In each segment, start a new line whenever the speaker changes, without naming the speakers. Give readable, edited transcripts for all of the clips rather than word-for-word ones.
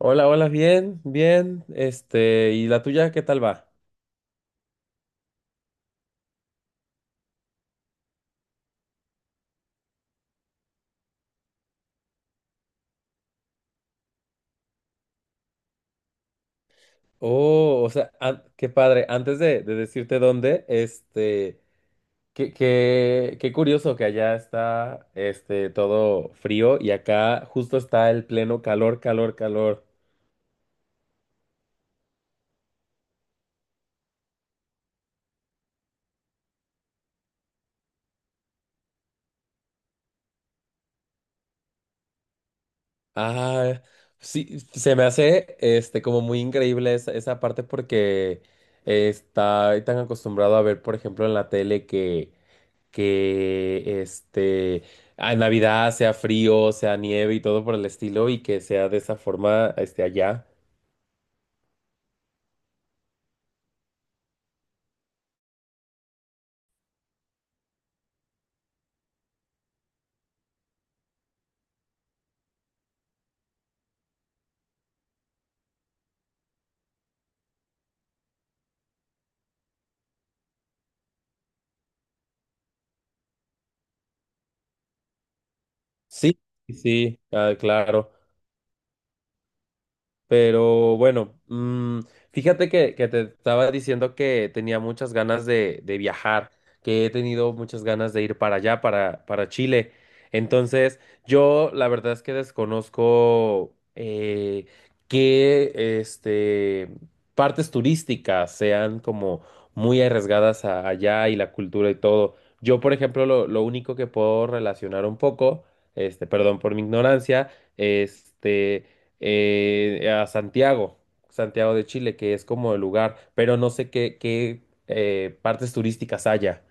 Hola, hola, bien, bien. ¿Y la tuya qué tal va? Oh, o sea, qué padre. Antes de decirte dónde, qué curioso que allá está, todo frío y acá justo está el pleno calor, calor, calor. Ah, sí, se me hace, como muy increíble esa parte porque está tan acostumbrado a ver, por ejemplo, en la tele que en Navidad sea frío, sea nieve y todo por el estilo y que sea de esa forma, allá. Sí, sí, sí, ah, claro. Pero bueno, fíjate que te estaba diciendo que tenía muchas ganas de viajar, que he tenido muchas ganas de ir para allá, para Chile. Entonces, yo la verdad es que desconozco qué este, partes turísticas sean como muy arriesgadas allá y la cultura y todo. Yo, por ejemplo, lo único que puedo relacionar un poco, perdón por mi ignorancia, este a Santiago, Santiago de Chile, que es como el lugar, pero no sé qué partes turísticas haya.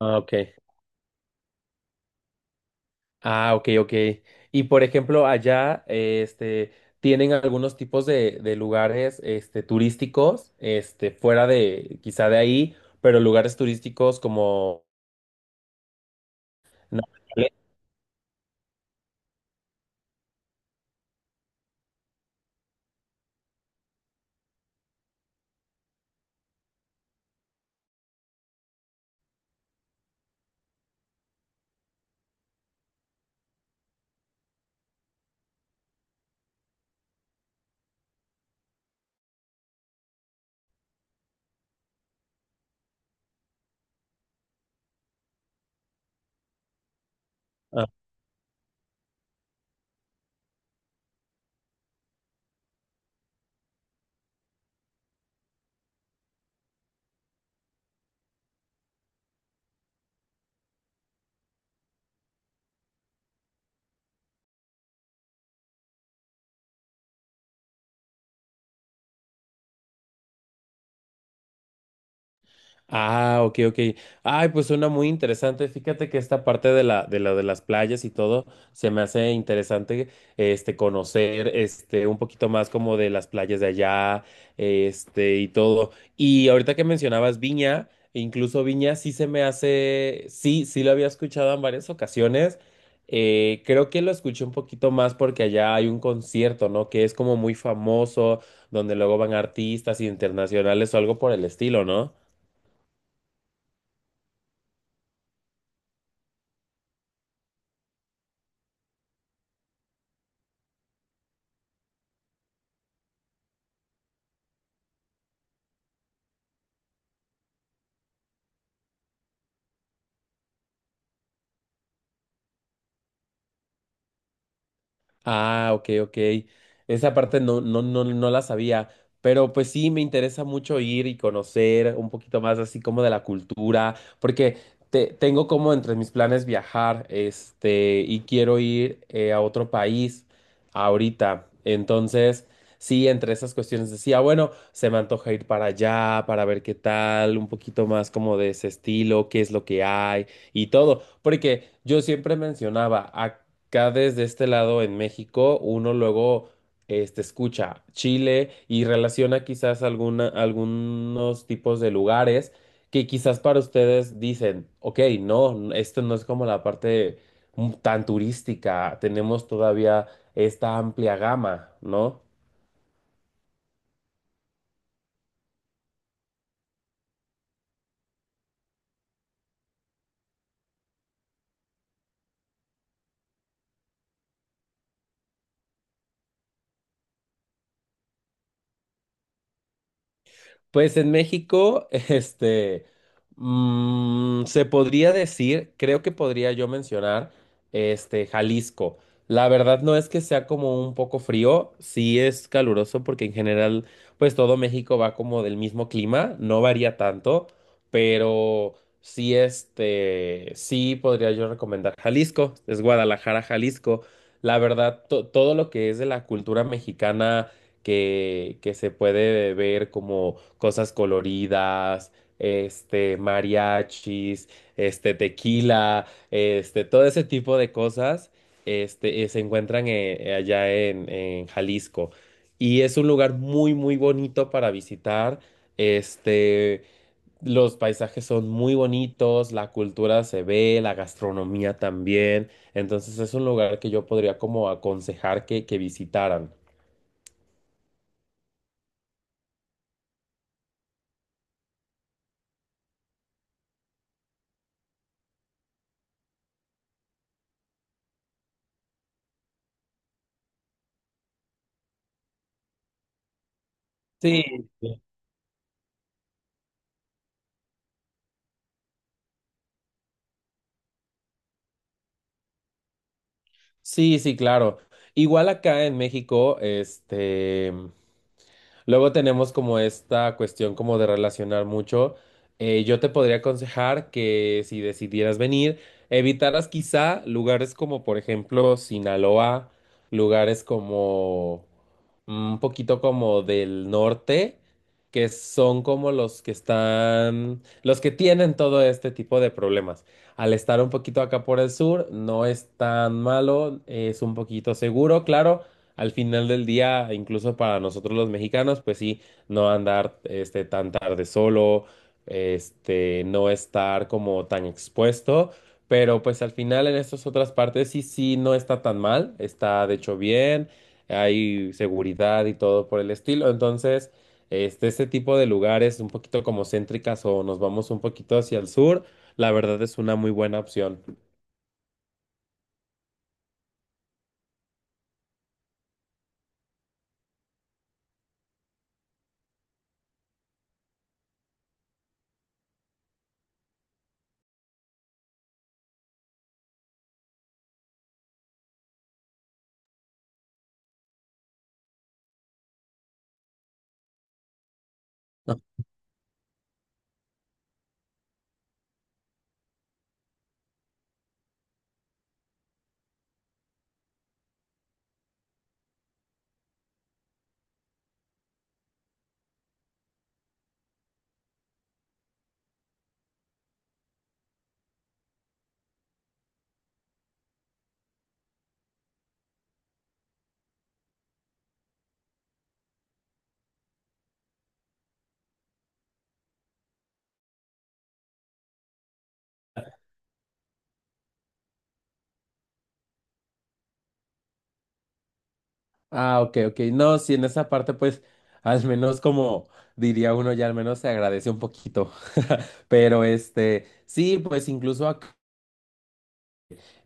Ah, ok. Ah, ok, ok. Y por ejemplo, allá, tienen algunos tipos de lugares, turísticos, fuera de, quizá de ahí, pero lugares turísticos como naturales. Ah, ok, ok. Ay, pues suena muy interesante. Fíjate que esta parte de de las playas y todo se me hace interesante, conocer, un poquito más como de las playas de allá, y todo. Y ahorita que mencionabas Viña, e incluso Viña sí se me hace, sí, sí lo había escuchado en varias ocasiones. Creo que lo escuché un poquito más porque allá hay un concierto, ¿no? Que es como muy famoso, donde luego van artistas internacionales o algo por el estilo, ¿no? Ah, ok, ok. Esa parte no, no, no, no la sabía, pero pues sí, me interesa mucho ir y conocer un poquito más así como de la cultura, porque tengo como entre mis planes viajar, y quiero ir a otro país ahorita. Entonces, sí, entre esas cuestiones decía, bueno, se me antoja ir para allá, para ver qué tal, un poquito más como de ese estilo, qué es lo que hay y todo, porque yo siempre mencionaba, acá desde este lado en México, uno luego escucha Chile y relaciona quizás alguna, algunos tipos de lugares que quizás para ustedes dicen, ok, no, esto no es como la parte tan turística, tenemos todavía esta amplia gama, ¿no? Pues en México, se podría decir, creo que podría yo mencionar, Jalisco. La verdad no es que sea como un poco frío, sí es caluroso porque en general, pues todo México va como del mismo clima, no varía tanto, pero sí, sí podría yo recomendar Jalisco, es Guadalajara, Jalisco. La verdad, todo lo que es de la cultura mexicana que se puede ver como cosas coloridas, mariachis, tequila, todo ese tipo de cosas, se encuentran allá en Jalisco. Y es un lugar muy, muy bonito para visitar. Este, los paisajes son muy bonitos, la cultura se ve, la gastronomía también. Entonces es un lugar que yo podría como aconsejar que visitaran. Sí. Sí, sí, claro. Igual acá en México, luego tenemos como esta cuestión como de relacionar mucho. Yo te podría aconsejar que si decidieras venir, evitaras quizá lugares como por ejemplo Sinaloa, lugares como un poquito como del norte, que son como los que están, los que tienen todo este tipo de problemas. Al estar un poquito acá por el sur, no es tan malo, es un poquito seguro, claro al final del día, incluso para nosotros los mexicanos, pues sí, no andar tan tarde solo, no estar como tan expuesto, pero pues al final en estas otras partes sí, sí, no está tan mal, está de hecho bien, hay seguridad y todo por el estilo, entonces, este tipo de lugares un poquito como céntricas o nos vamos un poquito hacia el sur, la verdad es una muy buena opción. Ah, ok, ok. No, sí, en esa parte, pues, al menos como diría uno, ya al menos se agradece un poquito. Pero sí, pues incluso acá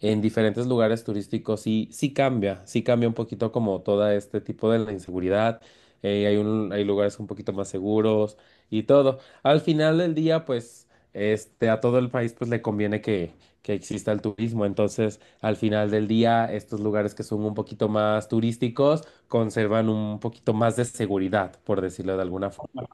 en diferentes lugares turísticos sí, sí cambia un poquito como todo este tipo de la inseguridad. Hay lugares un poquito más seguros y todo. Al final del día, pues, a todo el país pues le conviene que exista el turismo. Entonces, al final del día, estos lugares que son un poquito más turísticos conservan un poquito más de seguridad, por decirlo de alguna forma.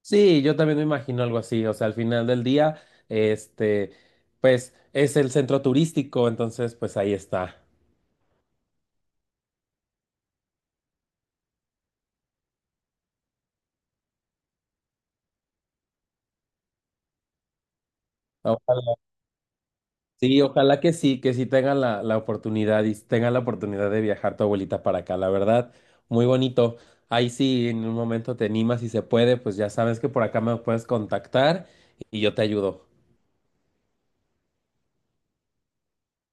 Sí, yo también me imagino algo así. O sea, al final del día, este, pues es el centro turístico, entonces pues ahí está. Ojalá, sí, ojalá que sí tengan la oportunidad y tengan la oportunidad de viajar tu abuelita para acá, la verdad, muy bonito. Ahí sí, en un momento te animas y se puede, pues ya sabes que por acá me puedes contactar y yo te ayudo.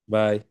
Bye.